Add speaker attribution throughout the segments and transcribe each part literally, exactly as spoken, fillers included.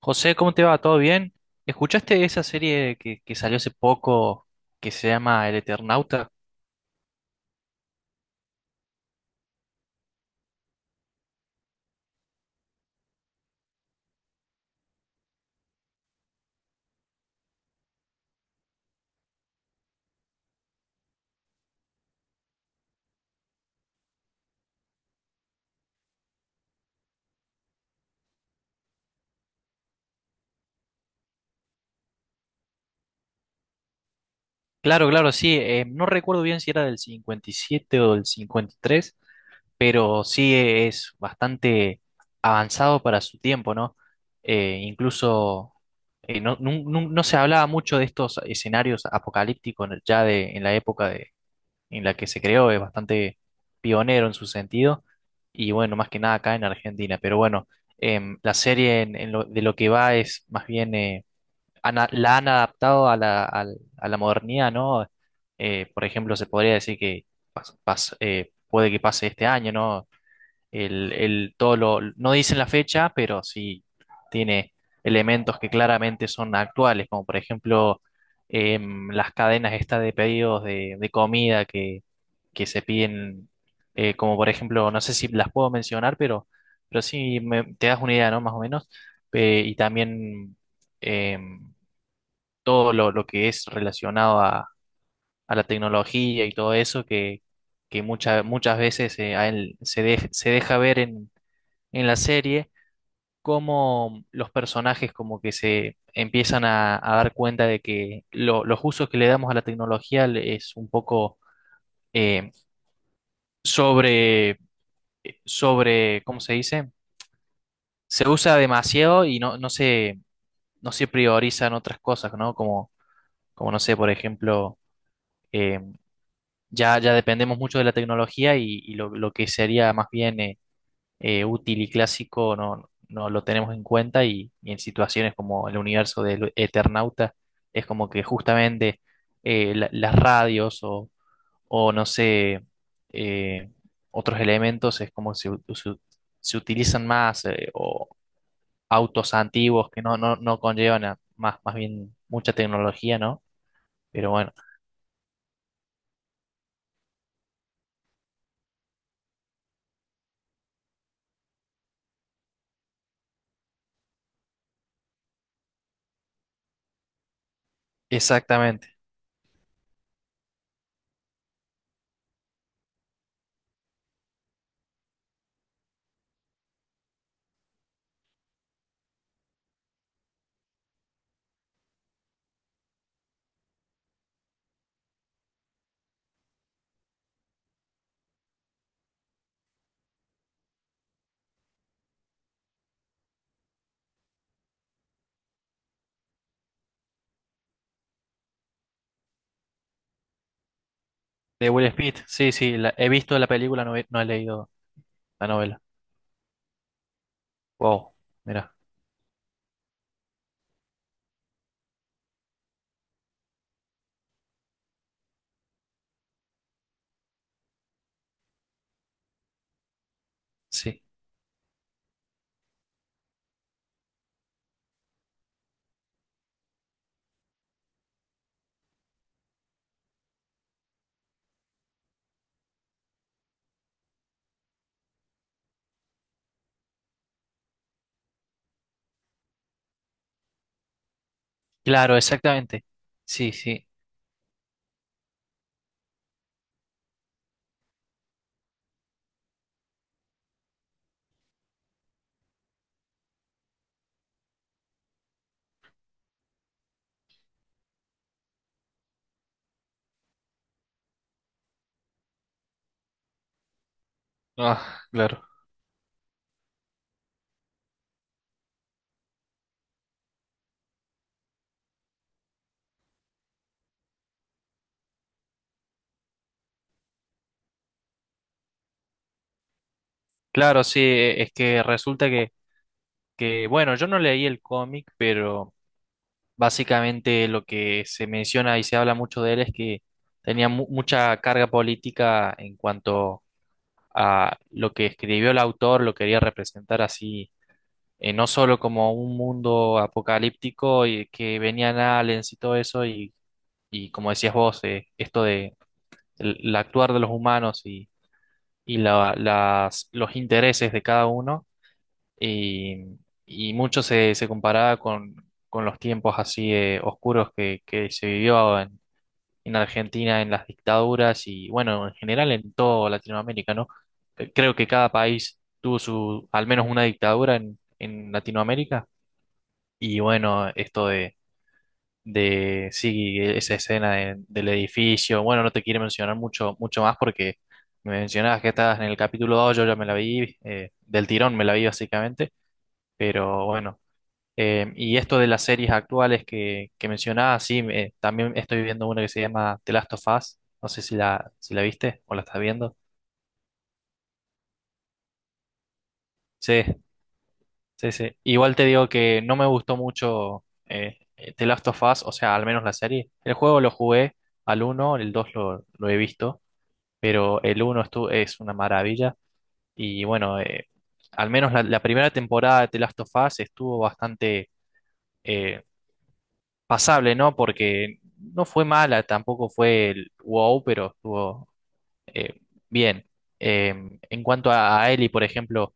Speaker 1: José, ¿cómo te va? ¿Todo bien? ¿Escuchaste esa serie que, que salió hace poco que se llama El Eternauta? Claro, claro, sí. Eh, no recuerdo bien si era del cincuenta y siete o del cincuenta y tres, pero sí e, es bastante avanzado para su tiempo, ¿no? Eh, incluso eh, no, nun- nun- no se hablaba mucho de estos escenarios apocalípticos en el- ya de, en la época en la que se creó, es bastante pionero en su sentido, y bueno, más que nada acá en Argentina. Pero bueno, em, la serie en- en lo- de lo que va es más bien, eh, ana- la han adaptado a la, al- a la modernidad, ¿no? Eh, por ejemplo, se podría decir que pas- pas- eh, puede que pase este año, ¿no? El, el, todo lo, no dicen la fecha, pero sí tiene elementos que claramente son actuales, como por ejemplo em, las cadenas estas de pedidos de, de comida que, que se piden, eh, como por ejemplo, no sé si las puedo mencionar, pero, pero sí me- te das una idea, ¿no? Más o menos. Eh, y también eh, todo lo, lo que es relacionado a, a la tecnología y todo eso, que, que muchas muchas veces eh, a él se, de- se deja ver en, en la serie. Cómo los personajes como que se empiezan a, a dar cuenta de que lo- los usos que le damos a la tecnología le- es un poco eh, eh, sobre, ¿cómo se dice? Se usa demasiado y no, no se, no se priorizan otras cosas, ¿no? Como, como no sé, por ejemplo, eh, ya, ya dependemos mucho de la tecnología y, y lo, lo que sería más bien eh, eh, útil y clásico no, no lo tenemos en cuenta y, y en situaciones como el universo del Eternauta es como que justamente eh, la- las radios o, o no sé, eh, otros elementos es como se, u- se, se utilizan más eh, autos antiguos que no, no, no conllevan a- más, más bien mucha tecnología, ¿no? Pero bueno, exactamente. De Will Smith, sí, sí, la- he visto la película, no he, no he leído la novela. Wow, mira, sí. Claro, exactamente. Sí, sí. Ah, claro. Claro, sí, e- es que resulta que, que, bueno, yo no leí el cómic, pero... Básicamente lo que se menciona y se habla mucho de él es que tenía mu- mucha carga política en cuanto a lo que escribió el autor, lo quería representar así, eh, no solo como un mundo apocalíptico y que venían aliens y todo eso, y, y como decías vos, eh, esto de el, el actuar de los humanos y, y la- las, los intereses de cada uno, y, y mucho se, se comparaba con, con los tiempos así eh, oscuros que, que se vivió en Argentina, en las dictaduras y bueno, en general en toda Latinoamérica, ¿no? Eh, creo que cada país tuvo su, al menos una dictadura en, en Latinoamérica y bueno, esto de, de sí, esa escena de- del edificio, bueno, no te quiero mencionar mucho, mucho más porque me mencionabas que estabas en el capítulo dos. Yo ya me la vi, eh, del tirón me la vi básicamente, pero bueno. Eh, y esto de las series actuales que, que mencionaba, sí, me- también estoy viendo una que se llama The Last of Us. No sé si la, si la viste o la estás viendo. Sí, sí, sí. Igual te digo que no me gustó mucho eh, eh, The Last of Us, o sea, al menos la serie. El juego lo jugué al uno, el dos lo, lo he visto, pero el uno estu- es una maravilla. Y bueno, eh, al menos la, la primera temporada de The Last of Us estuvo bastante... eh, pasable, ¿no? Porque no fue mala, tampoco fue el wow, pero estuvo eh, bien. Eh, en cuanto a, a Ellie, por ejemplo,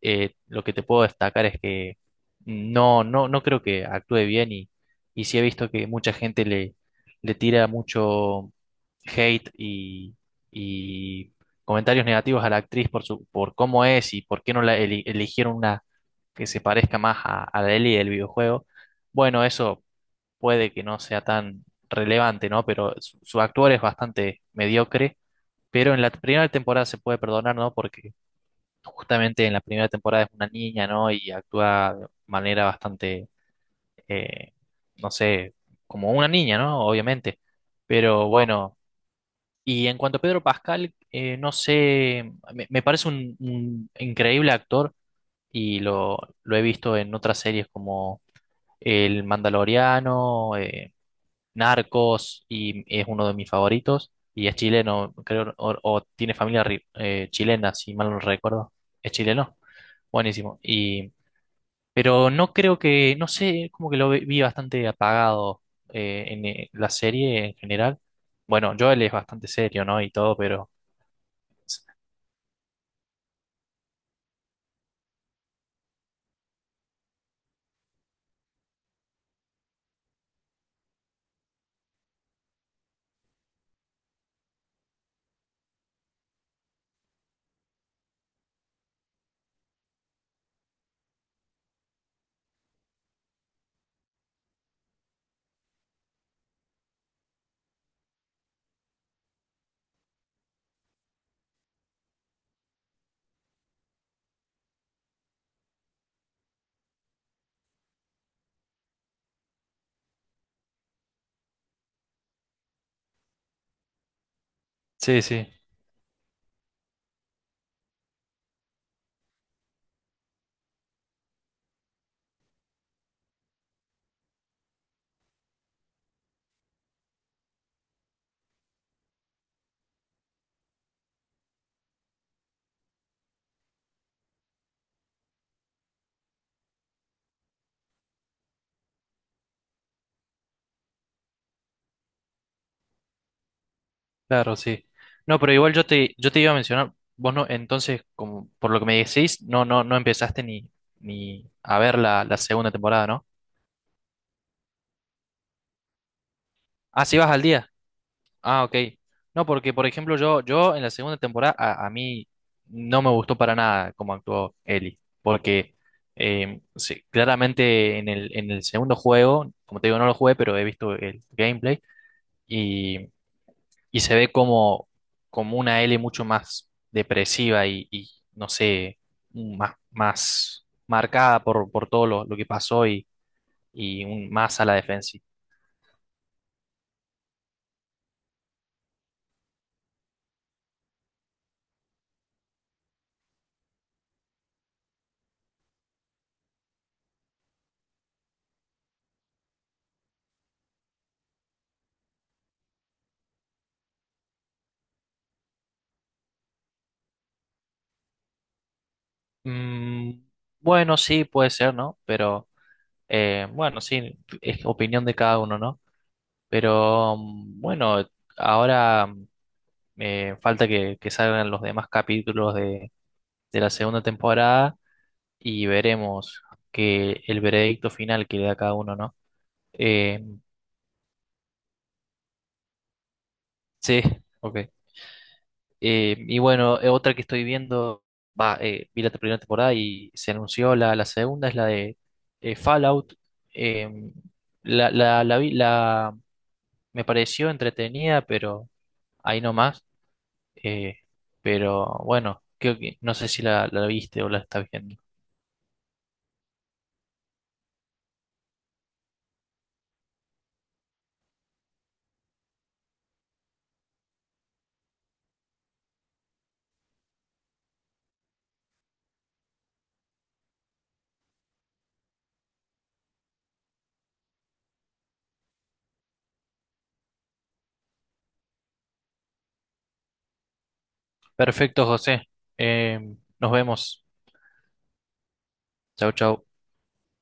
Speaker 1: eh, lo que te puedo destacar es que no, no, no creo que actúe bien y, y sí he visto que mucha gente le, le tira mucho hate y, y comentarios negativos a la actriz por su, por cómo es y por qué no la eli- eligieron una que se parezca más a, a la Ellie del videojuego. Bueno, eso puede que no sea tan relevante, ¿no? Pero su, su actuar es bastante mediocre. Pero en la primera temporada se puede perdonar, ¿no? Porque justamente en la primera temporada es una niña, ¿no? Y actúa de manera bastante, eh, no sé, como una niña, ¿no? Obviamente. Pero bueno, y en cuanto a Pedro Pascal, eh, no sé, me, me parece un, un increíble actor y lo, lo he visto en otras series como El Mandaloriano, eh, Narcos y es uno de mis favoritos. Y es chileno, creo, o, o tiene familia ri- eh, chilena, si mal no recuerdo. Es chileno. Buenísimo. Y, pero no creo que, no sé, como que lo ve- vi bastante apagado eh, en eh, la serie en general. Bueno, Joel es bastante serio, ¿no? Y todo, pero... Sí, sí, claro, sí. No, pero igual yo te, yo te iba a mencionar, vos no, entonces, como por lo que me decís, no, no, no empezaste ni, ni a ver la, la segunda temporada, ¿no? Ah, sí vas al día. Ah, ok. No, porque por ejemplo yo, yo en la segunda temporada a, a mí no me gustó para nada cómo actuó Ellie, porque eh, sí, claramente en el, en el segundo juego, como te digo, no lo jugué, pero he visto el gameplay y, y se ve como, como una Ellie mucho más depresiva y, y, no sé, más, más marcada por, por todo lo, lo que pasó y, y un- más a la defensiva. Mm, bueno, sí, puede ser, ¿no? Pero... Eh, bueno, sí, es opinión de cada uno, ¿no? Pero mm, bueno, ahora mm, eh, falta que, que salgan los demás capítulos de, de la segunda temporada y veremos que el veredicto final que le da cada uno, ¿no? Eh, sí, ok. Eh, y bueno, eh, otra que estoy viendo, va, eh, vi la te- primera temporada y se anunció la, la segunda, es la de eh, Fallout. Em, la, la, la vi- la- me pareció entretenida, pero ahí nomás. Eh, pero bueno, creo que no sé si la, la viste o la estás viendo. Perfecto, José. Eh, nos vemos. Chau, chau.